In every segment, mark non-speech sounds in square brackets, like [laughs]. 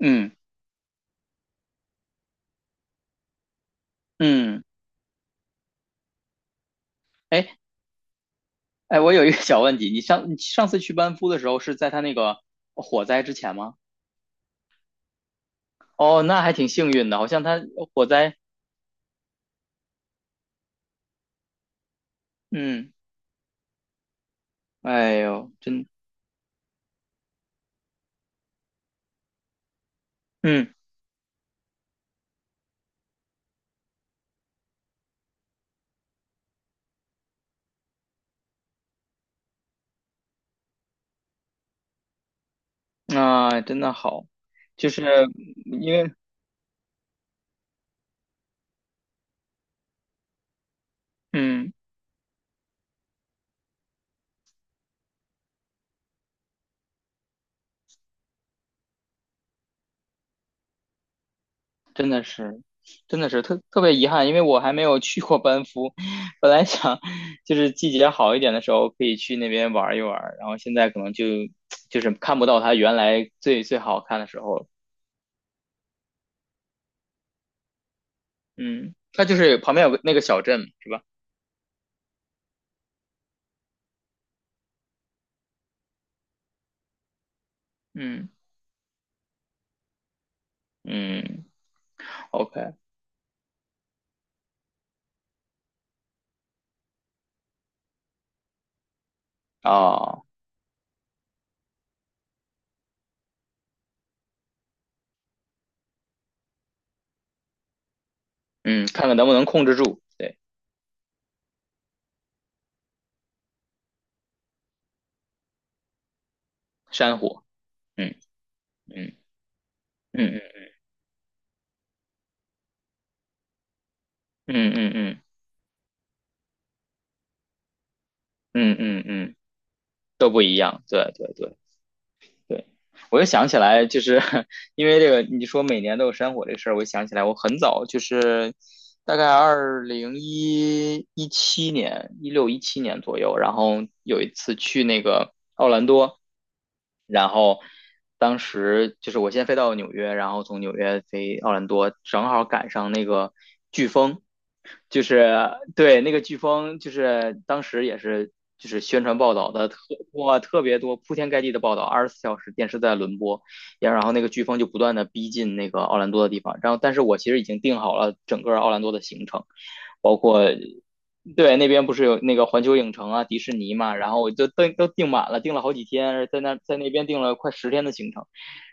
嗯嗯，哎哎，我有一个小问题，你上次去班夫的时候是在他那个火灾之前吗？哦，那还挺幸运的，好像他火灾，嗯，哎呦，真，嗯啊，真的好，就是因为，嗯，真的是，真的是特别遗憾，因为我还没有去过班夫，本来想就是季节好一点的时候可以去那边玩一玩，然后现在可能就 [tsk] 就是看不到他原来最最好看的时候了。嗯，它就是旁边有个那个小镇是吧？嗯嗯，OK 啊，嗯，看看能不能控制住，对，山火，嗯嗯嗯嗯嗯嗯嗯嗯嗯，都不一样，对对对对，我又想起来，就是 [laughs] 因为这个你说每年都有山火这事儿，我就想起来我很早就是大概二零一一七年、一六一七年左右，然后有一次去那个奥兰多。然后当时就是我先飞到纽约，然后从纽约飞奥兰多，正好赶上那个飓风，就是对那个飓风，就是当时也是就是宣传报道的哇特别多，铺天盖地的报道，24小时电视在轮播，也然后那个飓风就不断的逼近那个奥兰多的地方，然后但是我其实已经定好了整个奥兰多的行程，包括对，那边不是有那个环球影城啊、迪士尼嘛，然后我就订都订满了，订了好几天，在那在那边订了快10天的行程，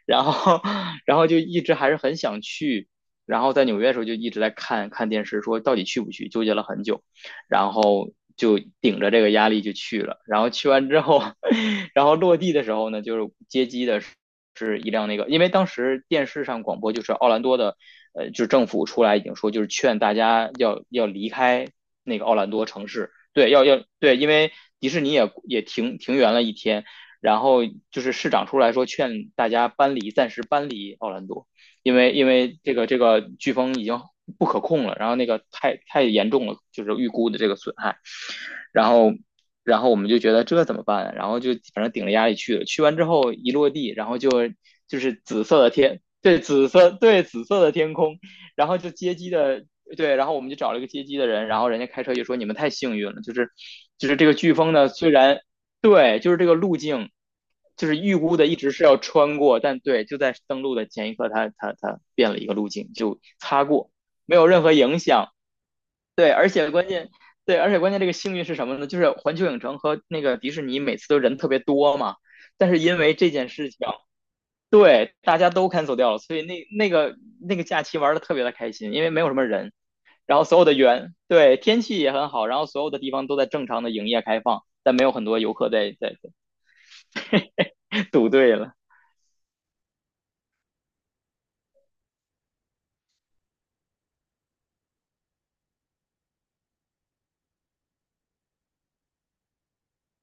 然后 [laughs] 然后就一直还是很想去，然后在纽约的时候就一直在看看电视，说到底去不去，纠结了很久，然后就顶着这个压力就去了，然后去完之后，[laughs] 然后落地的时候呢，就是接机的时是一辆那个，因为当时电视上广播就是奥兰多的，就是政府出来已经说，就是劝大家要离开那个奥兰多城市，对，要要对，因为迪士尼也停园了一天，然后就是市长出来说劝大家搬离，暂时搬离奥兰多，因为这个飓风已经不可控了，然后那个太严重了，就是预估的这个损害，然后，然后我们就觉得这怎么办啊？然后就反正顶着压力去了，去完之后一落地，然后就就是紫色的天，对，紫色，对，紫色的天空，然后就接机的，对，然后我们就找了一个接机的人，然后人家开车就说你们太幸运了，就是就是这个飓风呢，虽然对，就是这个路径。就是预估的一直是要穿过，但对，就在登陆的前一刻，它变了一个路径，就擦过，没有任何影响。对，而且关键，对，而且关键这个幸运是什么呢？就是环球影城和那个迪士尼每次都人特别多嘛，但是因为这件事情，对，大家都 cancel 掉了，所以那个假期玩的特别的开心，因为没有什么人，然后所有的园，对，天气也很好，然后所有的地方都在正常的营业开放，但没有很多游客在在堵队了。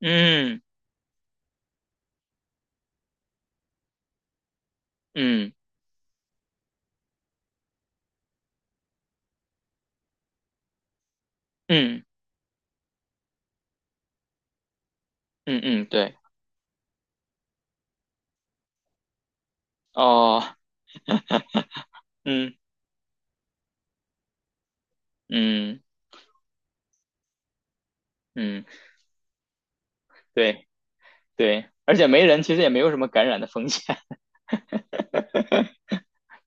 嗯嗯嗯嗯嗯，对，哦，嗯嗯嗯，对对，而且没人，其实也没有什么感染的风险。[laughs]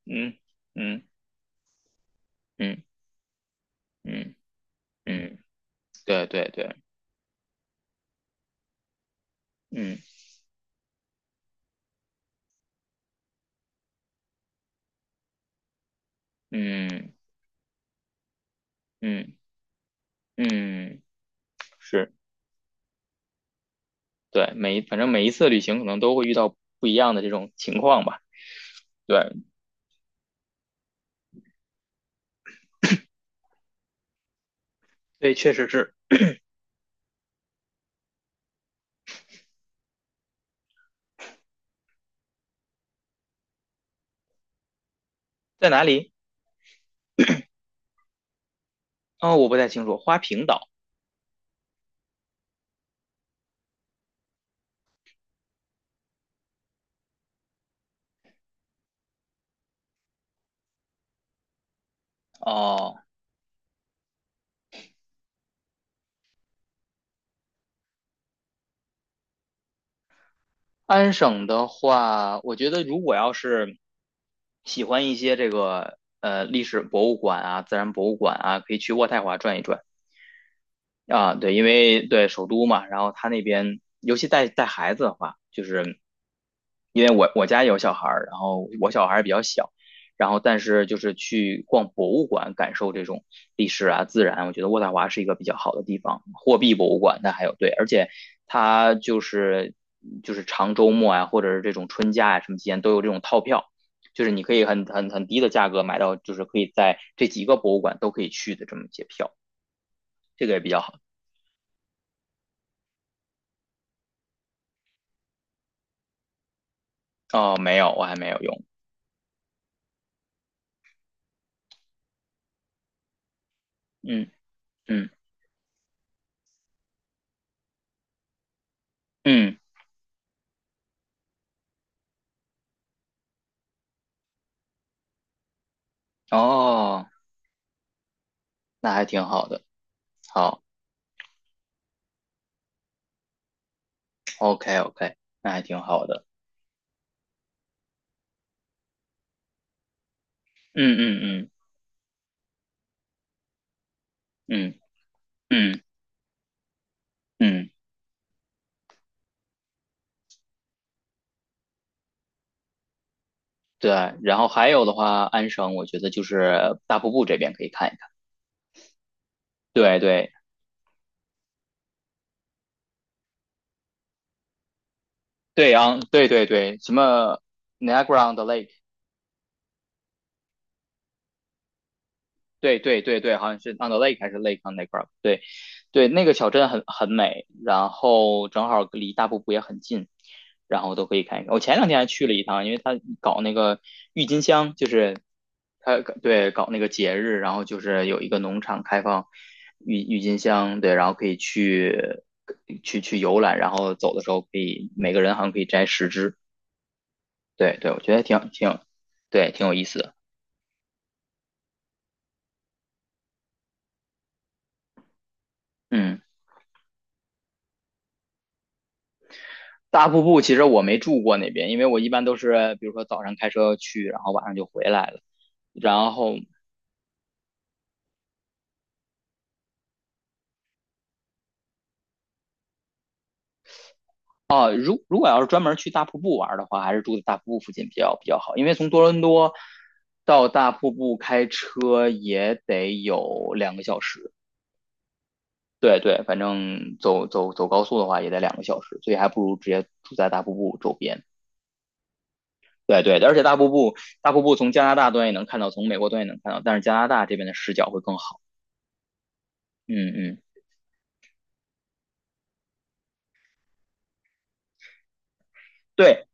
嗯嗯嗯嗯嗯，对对对，嗯嗯嗯嗯，是，对，每反正每一次旅行可能都会遇到不一样的这种情况吧。对对，确实是在哪里？哦，我不太清楚，花瓶岛。哦，安省的话，我觉得如果要是喜欢一些这个历史博物馆啊、自然博物馆啊，可以去渥太华转一转。啊，对，因为对首都嘛，然后他那边，尤其带孩子的话，就是因为我家有小孩儿，然后我小孩儿比较小，然后但是就是去逛博物馆，感受这种历史啊、自然，我觉得渥太华是一个比较好的地方。货币博物馆那还有对，而且它就是长周末啊，或者是这种春假啊什么期间都有这种套票，就是你可以很低的价格买到，就是可以在这几个博物馆都可以去的这么一些票，这个也比较好。哦，没有，我还没有用。嗯嗯嗯，哦，那还挺好的。好，OK OK，那还挺好的。嗯嗯嗯嗯嗯嗯，对。然后还有的话，安省我觉得就是大瀑布这边可以看一看。对对对，昂，对对对，什么 Niagara on the Lake 对对对对，好像是 on the lake 还是 lake on the g r o u n 对对，那个小镇很美，然后正好离大瀑布也很近，然后都可以看一看。我前两天还去了一趟，因为他搞那个郁金香，他对搞那个节日，然后就是有一个农场开放郁金香，对，然后可以去游览，然后走的时候可以每个人好像可以摘10支，对对，我觉得对，挺有意思的，嗯。大瀑布其实我没住过那边，因为我一般都是比如说早上开车去，然后晚上就回来了。然后如果要是专门去大瀑布玩的话，还是住在大瀑布附近比较好，因为从多伦多到大瀑布开车也得有两个小时。对对，反正走高速的话也得两个小时，所以还不如直接住在大瀑布周边。对对，而且大瀑布从加拿大端也能看到，从美国端也能看到，但是加拿大这边的视角会更好。嗯嗯，对，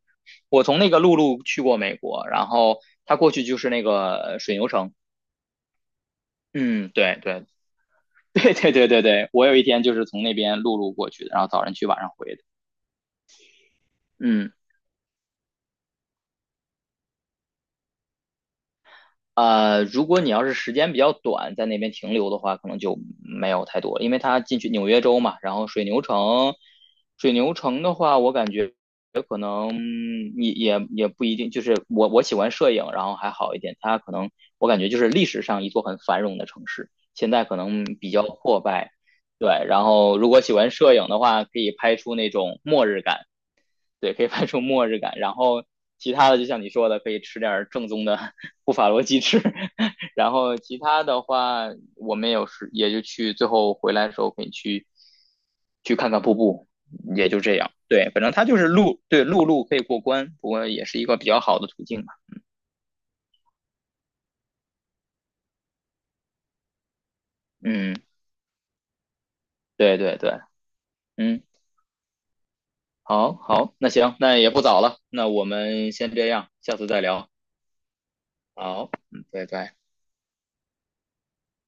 我从那个陆路去过美国，然后他过去就是那个水牛城。嗯，对对 [laughs] 对对对对对，我有一天就是从那边陆路过去的，然后早晨去，晚上回的。嗯。如果你要是时间比较短，在那边停留的话，可能就没有太多，因为它进去纽约州嘛，然后水牛城，水牛城的话，我感觉可能嗯也也不一定，就是我喜欢摄影，然后还好一点，它可能我感觉就是历史上一座很繁荣的城市，现在可能比较破败，对，然后如果喜欢摄影的话，可以拍出那种末日感，对，可以拍出末日感。然后其他的，就像你说的，可以吃点正宗的 [laughs] 布法罗鸡翅。[laughs] 然后其他的话，我们有时也就去，最后回来的时候可以去看看瀑布，也就这样。对，反正它就是陆，对，陆路可以过关，不过也是一个比较好的途径吧。嗯，对对对，嗯，好好，那行，那也不早了，那我们先这样，下次再聊。好，嗯，拜拜。